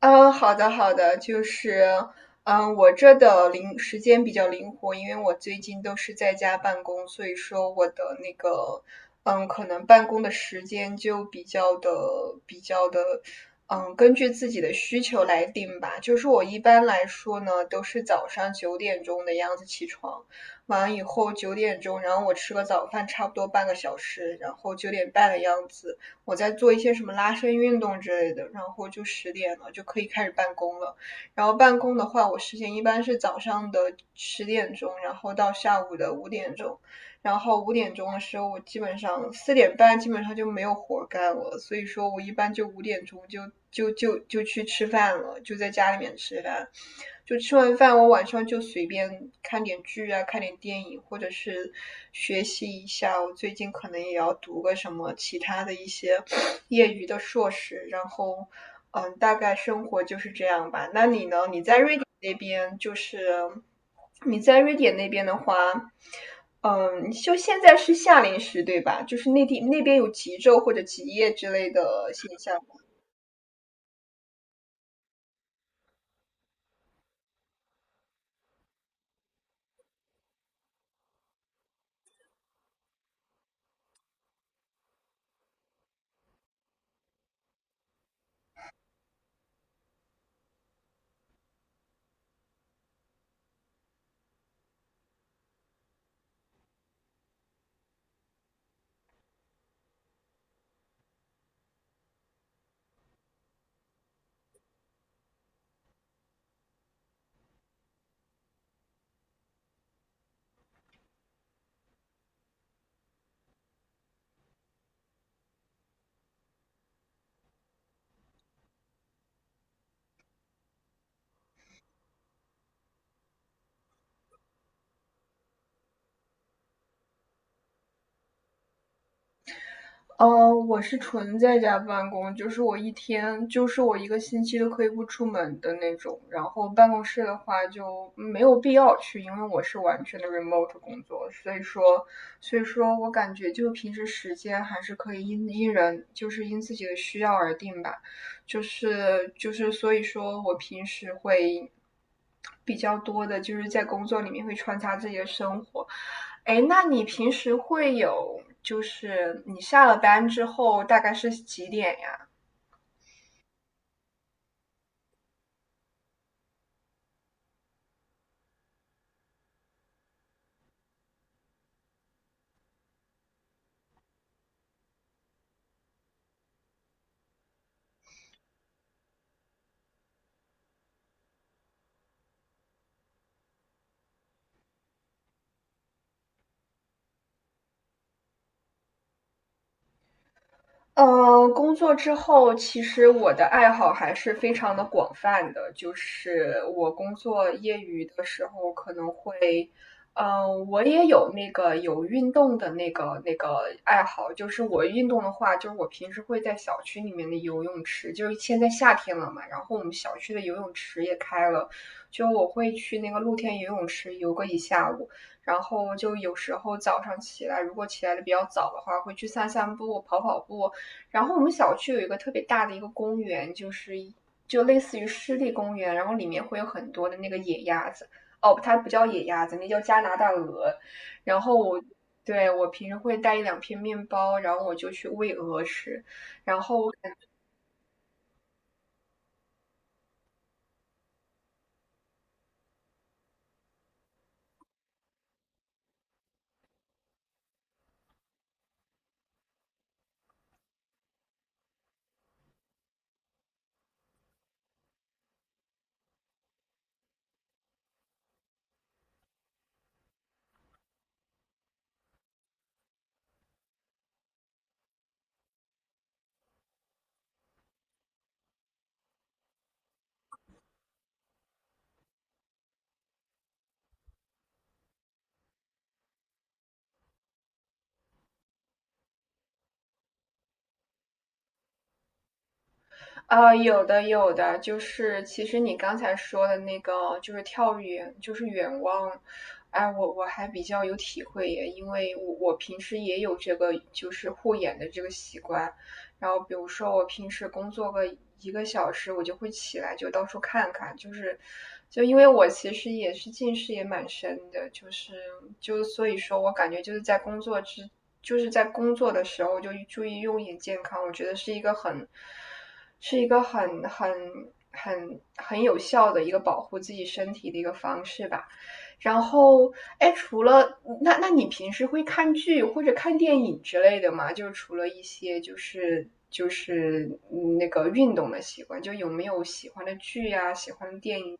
嗯，好的好的，就是，我这的时间比较灵活，因为我最近都是在家办公，所以说我的那个，可能办公的时间就比较的，根据自己的需求来定吧。就是我一般来说呢，都是早上九点钟的样子起床，完以后九点钟，然后我吃个早饭，差不多半个小时，然后9点半的样子。我在做一些什么拉伸运动之类的，然后就十点了就可以开始办公了。然后办公的话，我时间一般是早上的10点钟，然后到下午的五点钟。然后五点钟的时候，我基本上4点半基本上就没有活干了，所以说我一般就五点钟就去吃饭了，就在家里面吃饭。就吃完饭，我晚上就随便看点剧啊，看点电影，或者是学习一下。我最近可能也要读个什么其他的一些业余的硕士，然后大概生活就是这样吧。那你呢？你在瑞典那边的话，嗯，就现在是夏令时，对吧？就是内地那边有极昼或者极夜之类的现象。我是纯在家办公，就是我一天，就是我一个星期都可以不出门的那种。然后办公室的话就没有必要去，因为我是完全的 remote 工作，所以说我感觉就平时时间还是可以因人，就是因自己的需要而定吧。就是所以说我平时会比较多的就是在工作里面会穿插自己的生活，哎，那你平时会有，就是你下了班之后大概是几点呀？工作之后，其实我的爱好还是非常的广泛的。就是我工作业余的时候，可能会，我也有那个有运动的那个爱好。就是我运动的话，就是我平时会在小区里面的游泳池，就是现在夏天了嘛，然后我们小区的游泳池也开了，就我会去那个露天游泳池游个一下午。然后就有时候早上起来，如果起来的比较早的话，会去散散步、跑跑步。然后我们小区有一个特别大的一个公园，就类似于湿地公园，然后里面会有很多的那个野鸭子。哦，它不叫野鸭子，那叫加拿大鹅。然后对，我平时会带一两片面包，然后我就去喂鹅吃。然后我感呃，有的有的，就是其实你刚才说的那个，就是跳远，就是远望。哎，我还比较有体会耶，因为我平时也有这个就是护眼的这个习惯。然后比如说我平时工作个一个小时，我就会起来就到处看看，就因为我其实也是近视也蛮深的，就所以说我感觉就是在工作的时候就注意用眼健康，我觉得是一个很有效的一个保护自己身体的一个方式吧。然后，哎，除了那，那你平时会看剧或者看电影之类的吗？就是除了一些那个运动的习惯，就有没有喜欢的剧呀、喜欢的电影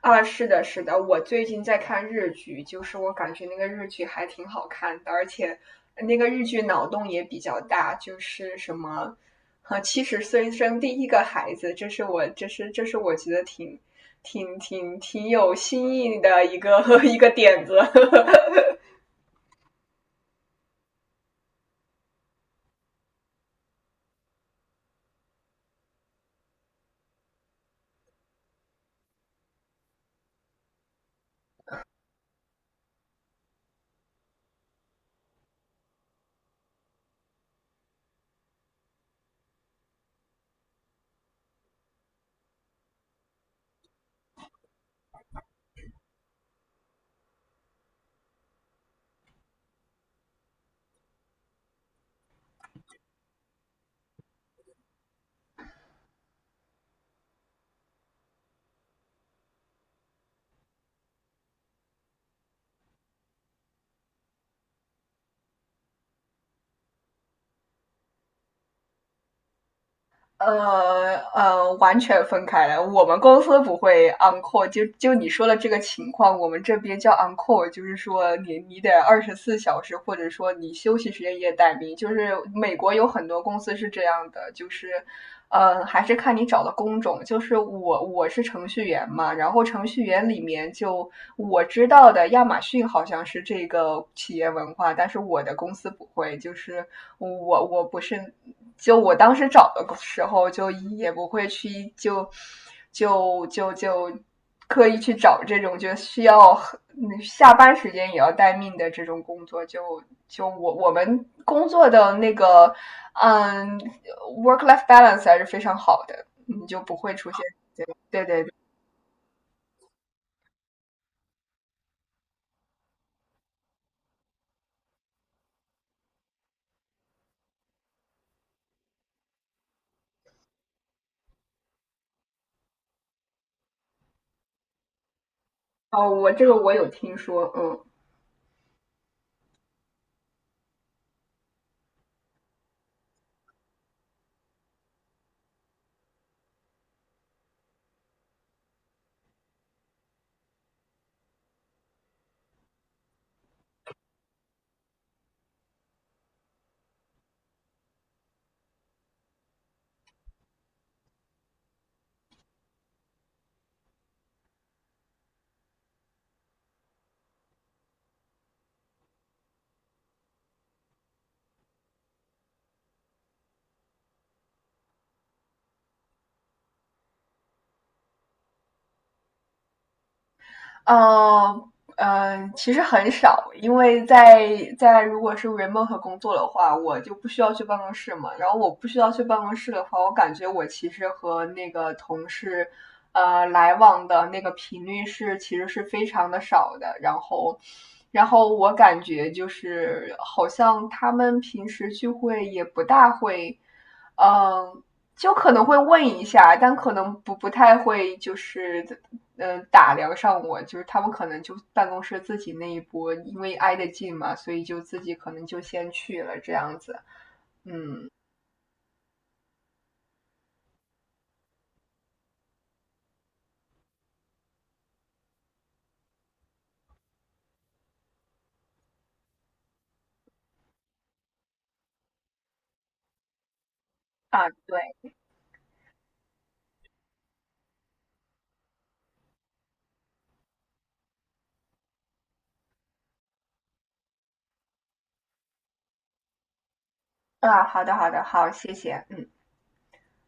啊，是的，是的，我最近在看日剧，就是我感觉那个日剧还挺好看的，而且那个日剧脑洞也比较大，就是什么，啊，70岁生第一个孩子，这是我觉得挺有新意的一个 一个点子，完全分开来。我们公司不会 on call，就你说的这个情况，我们这边叫 on call，就是说你得24小时，或者说你休息时间也待命。就是美国有很多公司是这样的，就是还是看你找的工种。就是我是程序员嘛，然后程序员里面就我知道的，亚马逊好像是这个企业文化，但是我的公司不会，就是我我不是就我当时找的时候，就也不会去就刻意去找这种就需要下班时间也要待命的这种工作。就我们工作的那个嗯 work life balance 还是非常好的，你就不会出现。对对对。哦，我这个我有听说。嗯。嗯其实很少，因为在如果是 remote 工作的话，我就不需要去办公室嘛。然后我不需要去办公室的话，我感觉我其实和那个同事来往的那个频率是其实是非常的少的。然后我感觉就是好像他们平时聚会也不大会，嗯，就可能会问一下，但可能不太会，就是打量上我，就是他们可能就办公室自己那一波，因为挨得近嘛，所以就自己可能就先去了这样子啊，对，啊。好的，好的，好，谢谢，嗯。